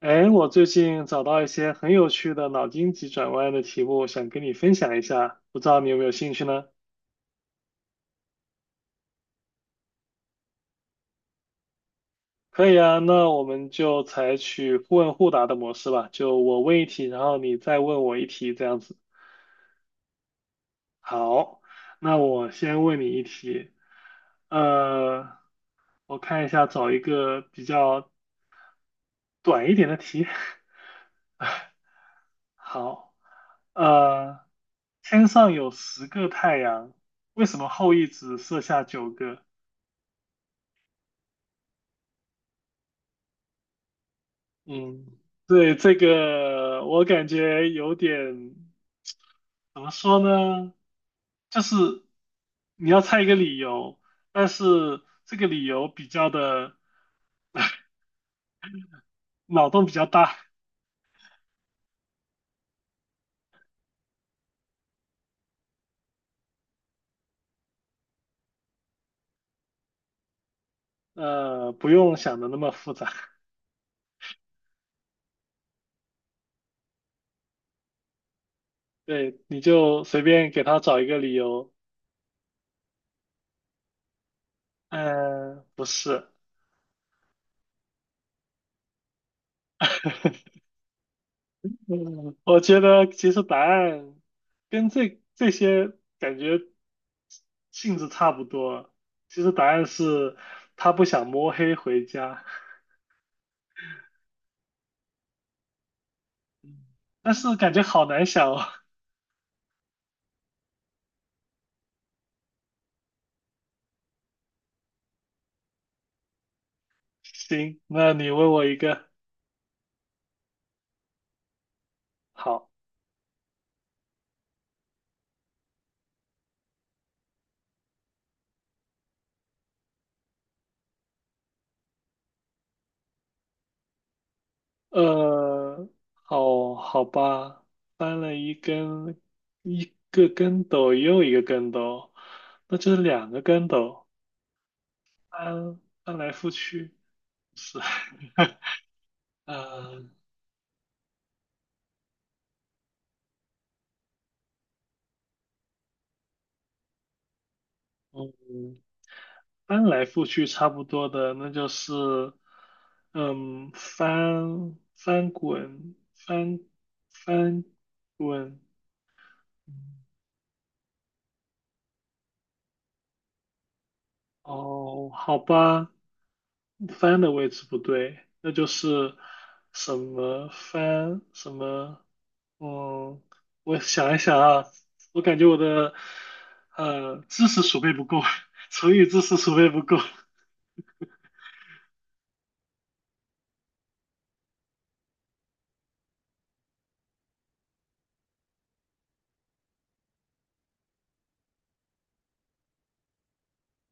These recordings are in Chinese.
哎，我最近找到一些很有趣的脑筋急转弯的题目，想跟你分享一下，不知道你有没有兴趣呢？可以啊，那我们就采取互问互答的模式吧，就我问一题，然后你再问我一题，这样子。好，那我先问你一题，呃，我看一下，找一个比较短一点的题。好，呃，天上有十个太阳，为什么后羿只射下九个？嗯，对，这个我感觉有点，怎么说呢？就是你要猜一个理由，但是这个理由比较的脑洞比较大，不用想的那么复杂。对，你就随便给他找一个理由，不是，嗯，我觉得其实答案跟这些感觉性质差不多。其实答案是他不想摸黑回家，但是感觉好难想哦。行，那你问我一个，好，呃，好好吧，翻了一根，一个跟斗又一个跟斗，那就是两个跟斗，翻来覆去是，嗯、嗯翻来覆去差不多的，那就是，嗯，翻滚，哦，好吧，翻的位置不对，那就是什么翻什么，嗯，我想一想啊，我感觉我的知识储备不够，成语知识储备不够，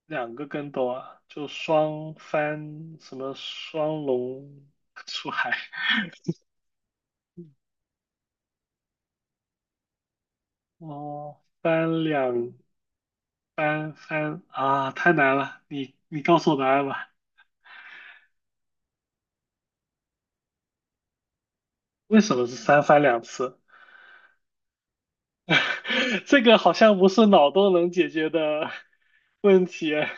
两个跟斗啊，就双翻什么双龙 出海哦，翻两翻翻啊，太难了，你告诉我答案吧，为什么是三翻两次？这个好像不是脑洞能解决的 问题啊。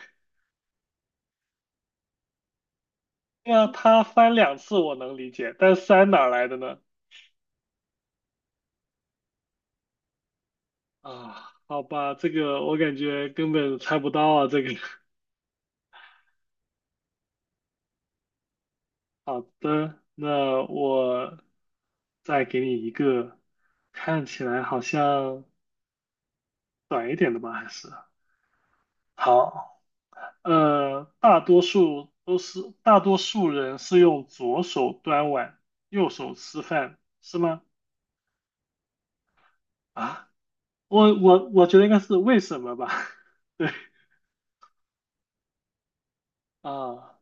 对啊他翻两次我能理解，但三哪儿来的呢？啊，好吧，这个我感觉根本猜不到啊，这个。好的，那我再给你一个看起来好像短一点的吧，还是好，大多数都是大多数人是用左手端碗，右手吃饭，是吗？啊，我觉得应该是为什么吧？对啊，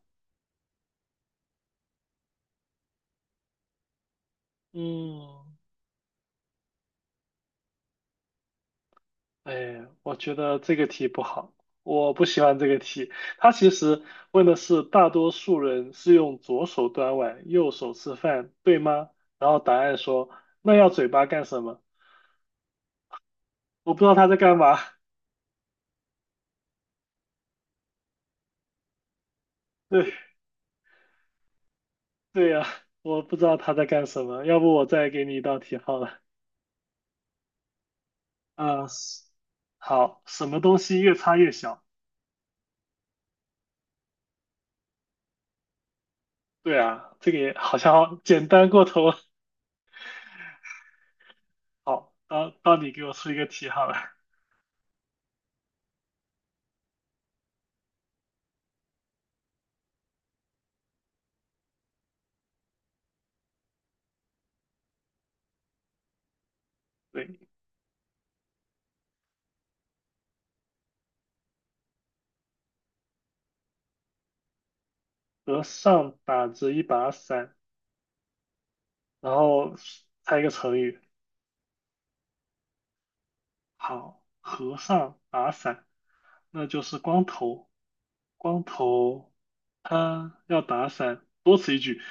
嗯。哎，我觉得这个题不好，我不喜欢这个题。它其实问的是大多数人是用左手端碗，右手吃饭，对吗？然后答案说那要嘴巴干什么？我不知道他在干嘛。对对呀，我不知道他在干什么。要不我再给你一道题好了。啊、是好，什么东西越擦越小？对啊，这个也好像简单过头了。好，到你给我出一个题好了。对。和尚打着一把伞，然后猜一个成语。好，和尚打伞，那就是光头。光头他要打伞，多此一举。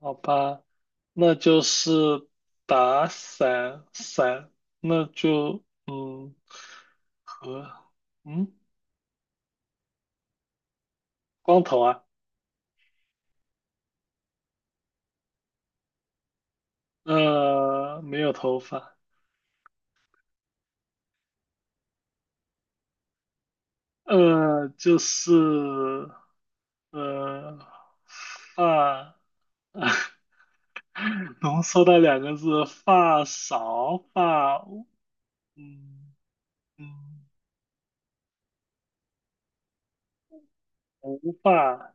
好吧，那就是打伞伞，那就嗯和嗯光头啊，没有头发，就是呃发。浓缩的两个字，发少发嗯嗯，无发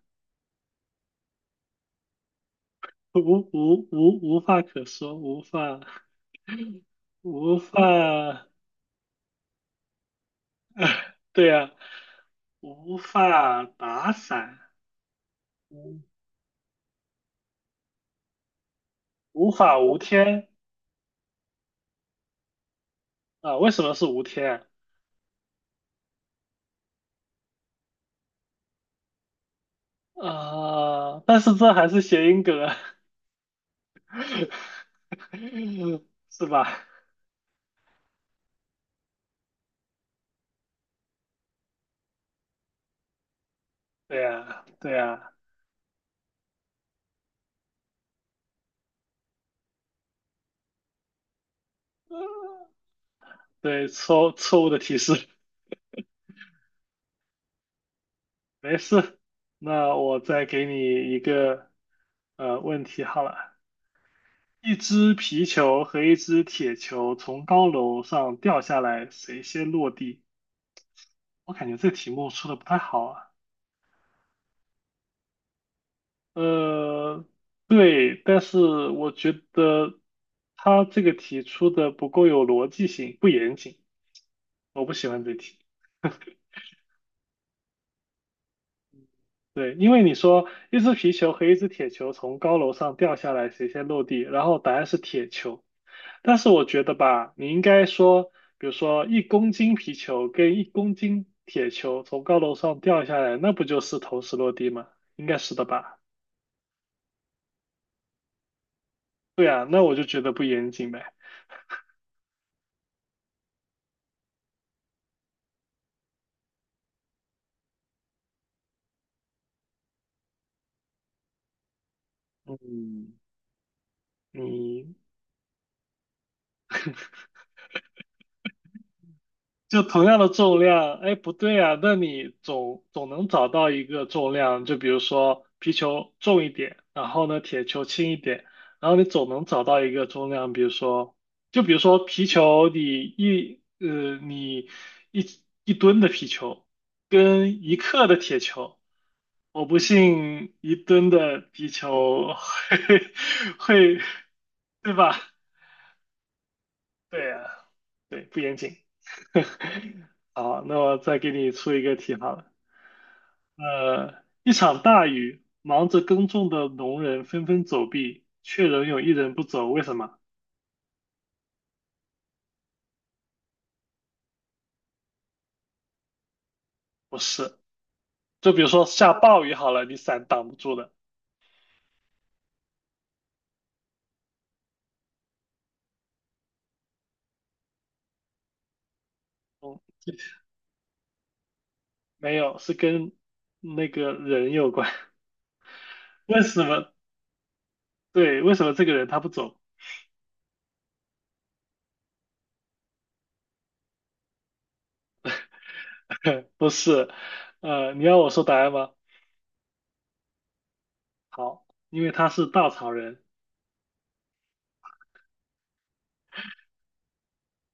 无无话可说，无话，对呀、无法打伞，无无法无天啊？为什么是无天啊？啊但是这还是谐音梗啊，是吧？对呀、对呀、呃对，错误的提示，没事，那我再给你一个问题好了。一只皮球和一只铁球从高楼上掉下来，谁先落地？我感觉这题目出的不太好啊。呃，对，但是我觉得他这个题出的不够有逻辑性，不严谨，我不喜欢这题。对，因为你说一只皮球和一只铁球从高楼上掉下来，谁先落地？然后答案是铁球。但是我觉得吧，你应该说，比如说一公斤皮球跟一公斤铁球从高楼上掉下来，那不就是同时落地吗？应该是的吧？对啊，那我就觉得不严谨呗。嗯，你就同样的重量，哎，不对啊，那你总能找到一个重量，就比如说皮球重一点，然后呢铁球轻一点，然后你总能找到一个重量，比如说，就比如说皮球，你你一一吨的皮球跟一克的铁球，我不信一吨的皮球会 会，对吧？对啊，对，不严谨。好，那我再给你出一个题好了。呃，一场大雨，忙着耕种的农人纷纷走避，却仍有一人不走，为什么？不是，就比如说下暴雨好了，你伞挡不住的，嗯，没有，是跟那个人有关。为什么？对，为什么这个人他不走？不是，你要我说答案吗？好，因为他是稻草人。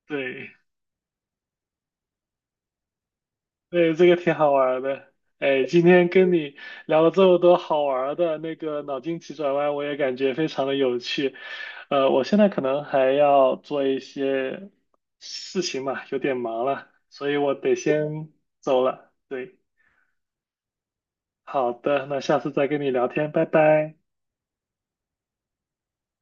对，对，这个挺好玩儿的。哎，今天跟你聊了这么多好玩儿的那个脑筋急转弯，我也感觉非常的有趣。我现在可能还要做一些事情嘛，有点忙了，所以我得先走了。对，好的，那下次再跟你聊天，拜拜。